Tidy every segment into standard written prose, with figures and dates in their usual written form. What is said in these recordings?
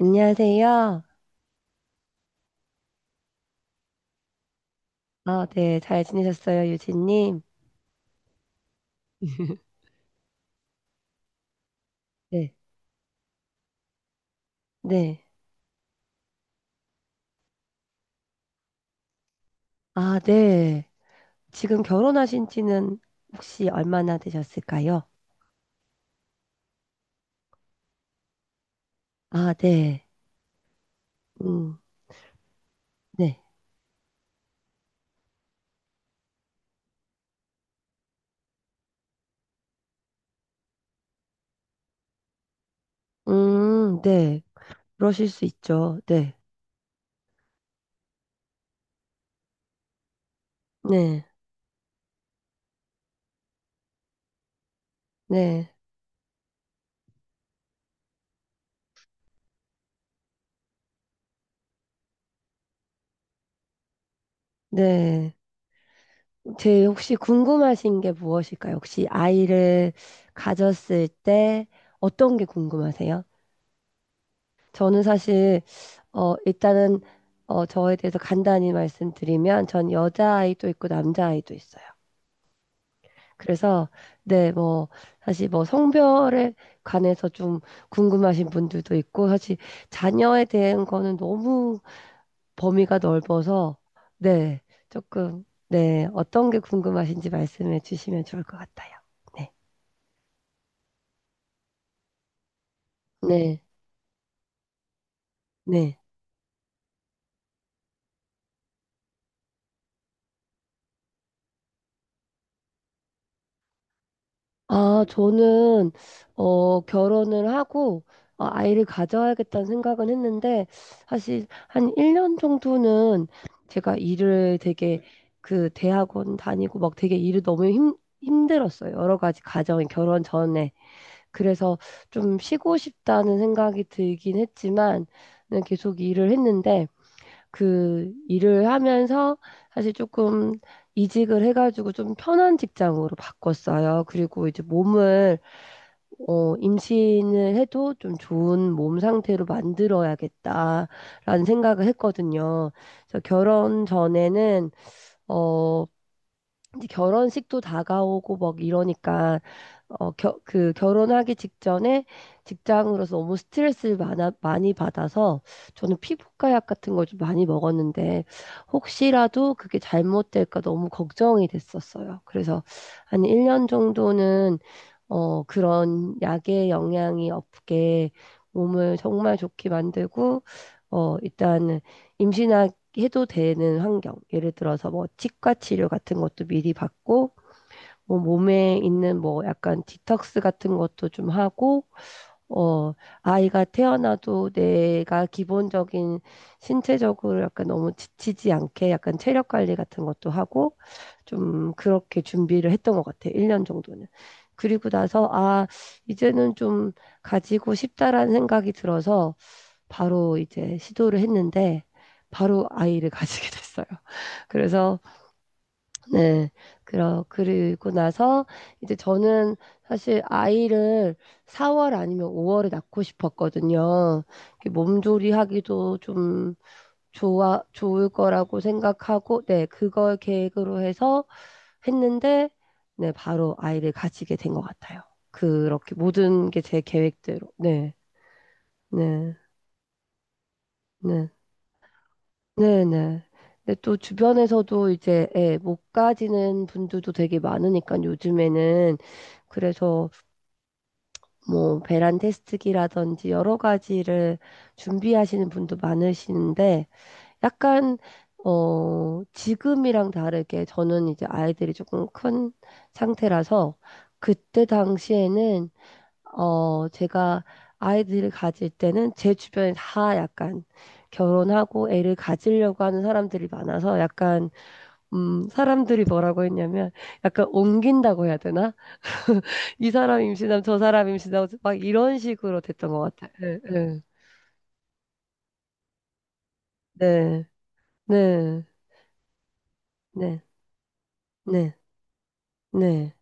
안녕하세요. 아, 네. 잘 지내셨어요, 유진님? 네. 네. 아, 네. 지금 결혼하신 지는 혹시 얼마나 되셨을까요? 아, 네. 음, 네. 네. 그러실 수 있죠. 네. 네. 네. 네. 제 혹시 궁금하신 게 무엇일까요? 혹시 아이를 가졌을 때 어떤 게 궁금하세요? 저는 사실 일단은 저에 대해서 간단히 말씀드리면 전 여자아이도 있고 남자아이도 있어요. 그래서 네, 뭐 사실 뭐 성별에 관해서 좀 궁금하신 분들도 있고 사실 자녀에 대한 거는 너무 범위가 넓어서 네, 조금 네, 어떤 게 궁금하신지 말씀해 주시면 좋을 것 같아요. 네. 네. 네. 아, 저는, 결혼을 하고, 아이를 가져야겠다는 생각은 했는데, 사실 한 1년 정도는 제가 일을 되게, 그, 대학원 다니고 막 되게 일을 너무 힘들었어요. 여러 가지 가정이 결혼 전에. 그래서 좀 쉬고 싶다는 생각이 들긴 했지만, 네, 계속 일을 했는데, 그 일을 하면서 사실 조금 이직을 해가지고 좀 편한 직장으로 바꿨어요. 그리고 이제 몸을 임신을 해도 좀 좋은 몸 상태로 만들어야겠다라는 생각을 했거든요. 그래서 결혼 전에는 어, 이제 결혼식도 다가오고 막 이러니까 그 결혼하기 직전에 직장으로서 너무 스트레스를 많이 받아서 저는 피부과 약 같은 걸 좀 많이 먹었는데 혹시라도 그게 잘못될까 너무 걱정이 됐었어요. 그래서 한 1년 정도는 그런 약의 영향이 없게 몸을 정말 좋게 만들고 일단 임신하기 해도 되는 환경. 예를 들어서 뭐 치과 치료 같은 것도 미리 받고 뭐 몸에 있는 뭐 약간 디톡스 같은 것도 좀 하고, 어, 아이가 태어나도 내가 기본적인 신체적으로 약간 너무 지치지 않게 약간 체력 관리 같은 것도 하고, 좀 그렇게 준비를 했던 것 같아요. 1년 정도는. 그리고 나서, 아, 이제는 좀 가지고 싶다라는 생각이 들어서 바로 이제 시도를 했는데, 바로 아이를 가지게 됐어요. 그래서 네. 그리고 나서 이제 저는 사실 아이를 4월 아니면 5월에 낳고 싶었거든요. 이렇게 몸조리하기도 좀 좋을 거라고 생각하고, 네. 그걸 계획으로 해서 했는데, 네. 바로 아이를 가지게 된 것 같아요. 그렇게 모든 게 제 계획대로. 네. 네. 네. 네네. 근데 또 주변에서도 이제 예, 못 가지는 분들도 되게 많으니까 요즘에는 그래서 뭐 배란 테스트기라든지 여러 가지를 준비하시는 분도 많으시는데 약간 지금이랑 다르게 저는 이제 아이들이 조금 큰 상태라서 그때 당시에는 제가 아이들을 가질 때는 제 주변에 다 약간 결혼하고 애를 가지려고 하는 사람들이 많아서 약간, 사람들이 뭐라고 했냐면 약간 옮긴다고 해야 되나? 이 사람 임신하면 저 사람 임신하고 막 이런 식으로 됐던 것 같아요. 네, 네, 네, 네, 네, 네.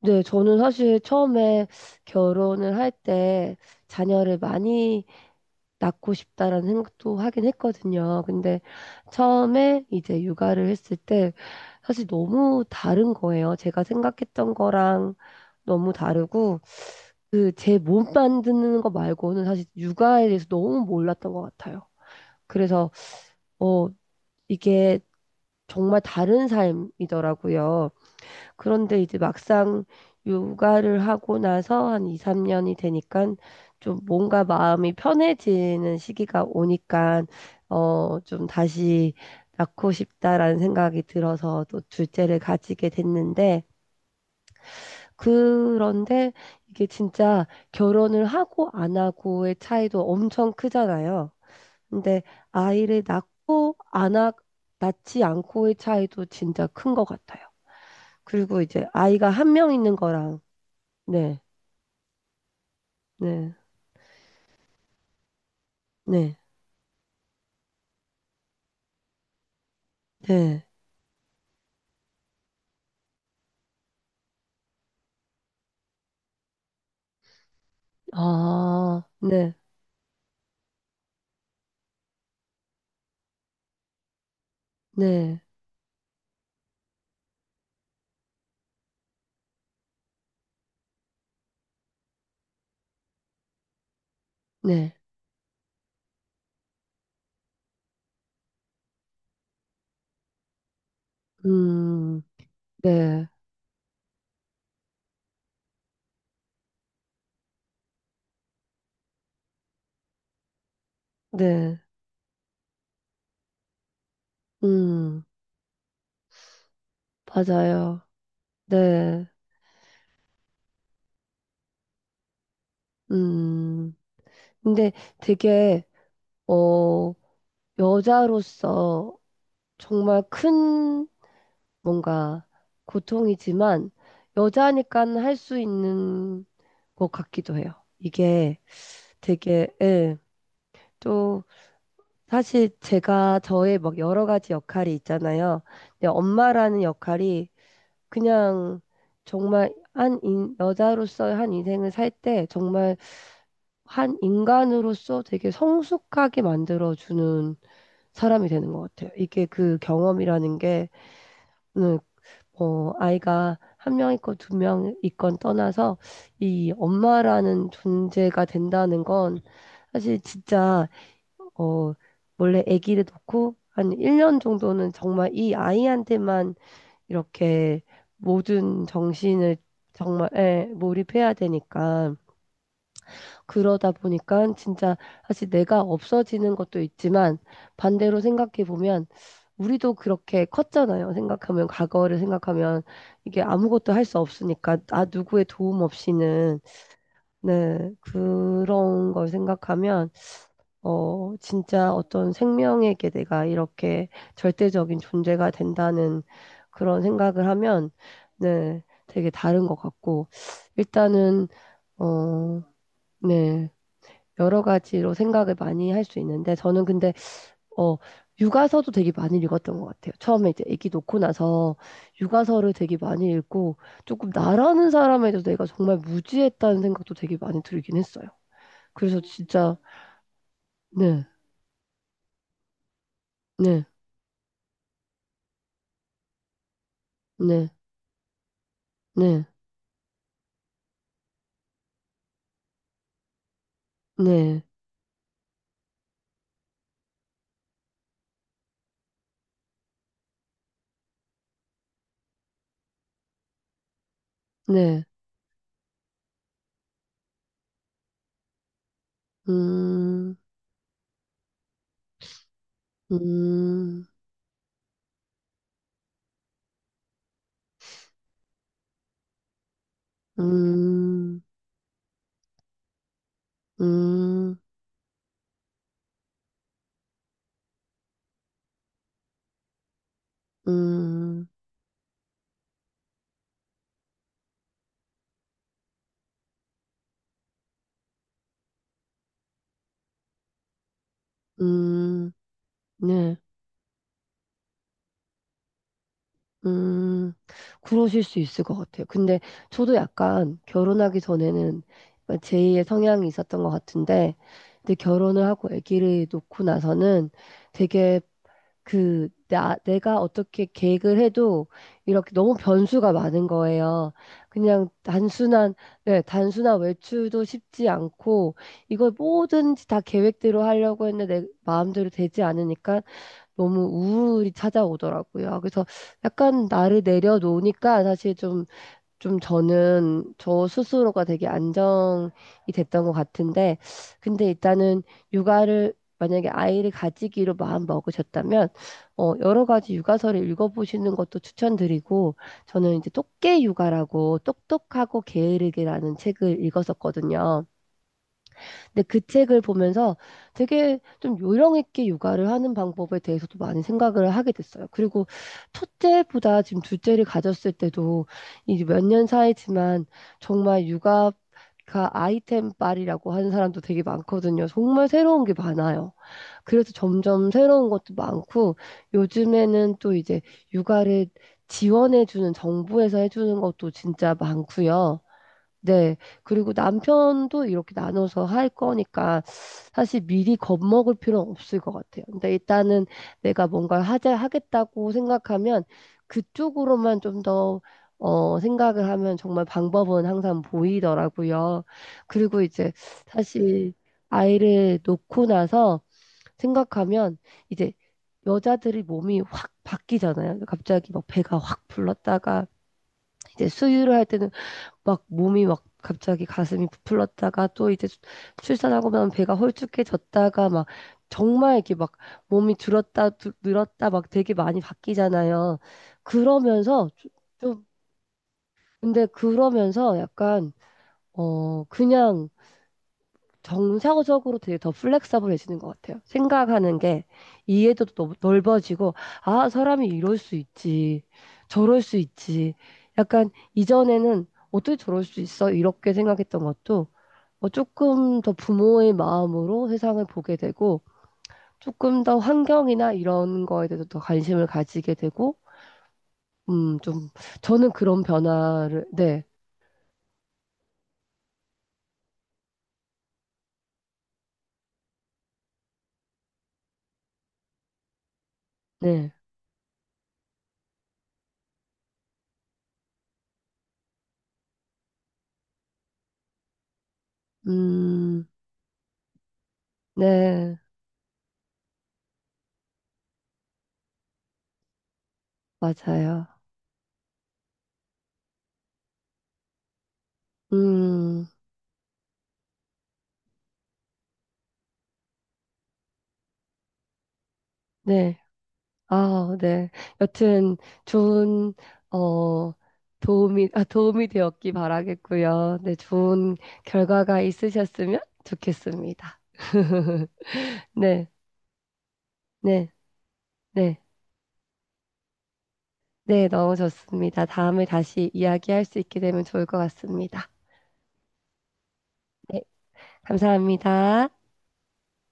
네, 저는 사실 처음에 결혼을 할 때 자녀를 많이 낳고 싶다라는 생각도 하긴 했거든요. 근데 처음에 이제 육아를 했을 때 사실 너무 다른 거예요. 제가 생각했던 거랑 너무 다르고 그 제 몸 만드는 거 말고는 사실 육아에 대해서 너무 몰랐던 것 같아요. 그래서 어 이게 정말 다른 삶이더라고요. 그런데 이제 막상 육아를 하고 나서 한 2, 3년이 되니까 좀 뭔가 마음이 편해지는 시기가 오니까 좀 다시 낳고 싶다라는 생각이 들어서 또 둘째를 가지게 됐는데 그런데 이게 진짜 결혼을 하고 안 하고의 차이도 엄청 크잖아요. 근데 아이를 낳고 안 하, 낳지 않고의 차이도 진짜 큰 것 같아요. 그리고 이제 아이가 한 명 있는 거랑 네, 네, 네, 네. 아, 네, 네, 네. 음, 네, 네. 음, 맞아요. 네, 음. 근데 되게, 어, 여자로서 정말 큰 뭔가 고통이지만 여자니까 할 수 있는 것 같기도 해요. 이게 되게, 예, 또, 사실 제가 저의 막 여러 가지 역할이 있잖아요. 근데 엄마라는 역할이 그냥 정말 여자로서의 한 인생을 살 때 정말 한 인간으로서 되게 성숙하게 만들어주는 사람이 되는 것 같아요. 이게 그 경험이라는 게, 음, 아이가 한 명 있건 두 명 있건 떠나서 이 엄마라는 존재가 된다는 건 사실 진짜 어, 원래 아기를 놓고 한 1년 정도는 정말 이 아이한테만 이렇게 모든 정신을 정말 예, 몰입해야 되니까 그러다 보니까 진짜 사실 내가 없어지는 것도 있지만 반대로 생각해 보면 우리도 그렇게 컸잖아요. 생각하면 과거를 생각하면 이게 아무것도 할 수 없으니까 나 누구의 도움 없이는 네, 그런 걸 생각하면 진짜 어떤 생명에게 내가 이렇게 절대적인 존재가 된다는 그런 생각을 하면, 네, 되게 다른 것 같고, 일단은, 어, 네, 여러 가지로 생각을 많이 할 수 있는데, 저는 근데, 어, 육아서도 되게 많이 읽었던 것 같아요. 처음에 이제 아기 놓고 나서 육아서를 되게 많이 읽고, 조금 나라는 사람에 대해서 내가 정말 무지했다는 생각도 되게 많이 들긴 했어요. 그래서 진짜, 네, 네, 네, 네. 네, 네, 음, 음, 음, 음, 음, 음, 네, 음, 그러실 수 있을 것 같아요. 근데 저도 약간 결혼하기 전에는 제2의 성향이 있었던 것 같은데, 근데 결혼을 하고 아기를 놓고 나서는 되게 내가 어떻게 계획을 해도 이렇게 너무 변수가 많은 거예요. 그냥 단순한, 네, 단순한 외출도 쉽지 않고, 이걸 뭐든지 다 계획대로 하려고 했는데 내 마음대로 되지 않으니까 너무 우울이 찾아오더라고요. 그래서 약간 나를 내려놓으니까 사실 좀 저는 저 스스로가 되게 안정이 됐던 것 같은데, 근데 일단은 육아를 만약에 아이를 가지기로 마음 먹으셨다면, 여러 가지 육아서를 읽어보시는 것도 추천드리고, 저는 이제 똑개 육아라고 똑똑하고 게으르기라는 책을 읽었었거든요. 근데 그 책을 보면서 되게 좀 요령 있게 육아를 하는 방법에 대해서도 많이 생각을 하게 됐어요. 그리고 첫째보다 지금 둘째를 가졌을 때도 이제 몇 년 사이지만 정말 육아 가 아이템 빨이라고 하는 사람도 되게 많거든요. 정말 새로운 게 많아요. 그래서 점점 새로운 것도 많고 요즘에는 또 이제 육아를 지원해주는 정부에서 해주는 것도 진짜 많고요. 네. 그리고 남편도 이렇게 나눠서 할 거니까 사실 미리 겁먹을 필요는 없을 것 같아요. 근데 일단은 내가 뭔가를 하겠다고 생각하면 그쪽으로만 좀 더, 생각을 하면 정말 방법은 항상 보이더라고요. 그리고 이제 사실 아이를 놓고 나서 생각하면 이제 여자들이 몸이 확 바뀌잖아요. 갑자기 막 배가 확 불렀다가 이제 수유를 할 때는 막 몸이 막 갑자기 가슴이 부풀렀다가 또 이제 출산하고 나면 배가 홀쭉해졌다가 막 정말 이렇게 막 몸이 줄었다 늘었다 막 되게 많이 바뀌잖아요. 그러면서 좀- 근데 그러면서 약간 그냥 정상적으로 되게 더 플렉서블해지는 것 같아요. 생각하는 게 이해도도 너무 넓어지고 아 사람이 이럴 수 있지 저럴 수 있지 약간 이전에는 어떻게 저럴 수 있어? 이렇게 생각했던 것도 조금 더 부모의 마음으로 세상을 보게 되고, 조금 더 환경이나 이런 거에 대해서 더 관심을 가지게 되고, 좀, 저는 그런 변화를, 네, 네, 음, 네, 맞아요. 음, 네, 아, 네. 여튼, 좋은, 어, 도움이 되었기 바라겠고요. 네, 좋은 결과가 있으셨으면 좋겠습니다. 네, 네, 네. 네, 넣어줬습니다. 다음에 다시 이야기할 수 있게 되면 좋을 것 같습니다. 네, 감사합니다.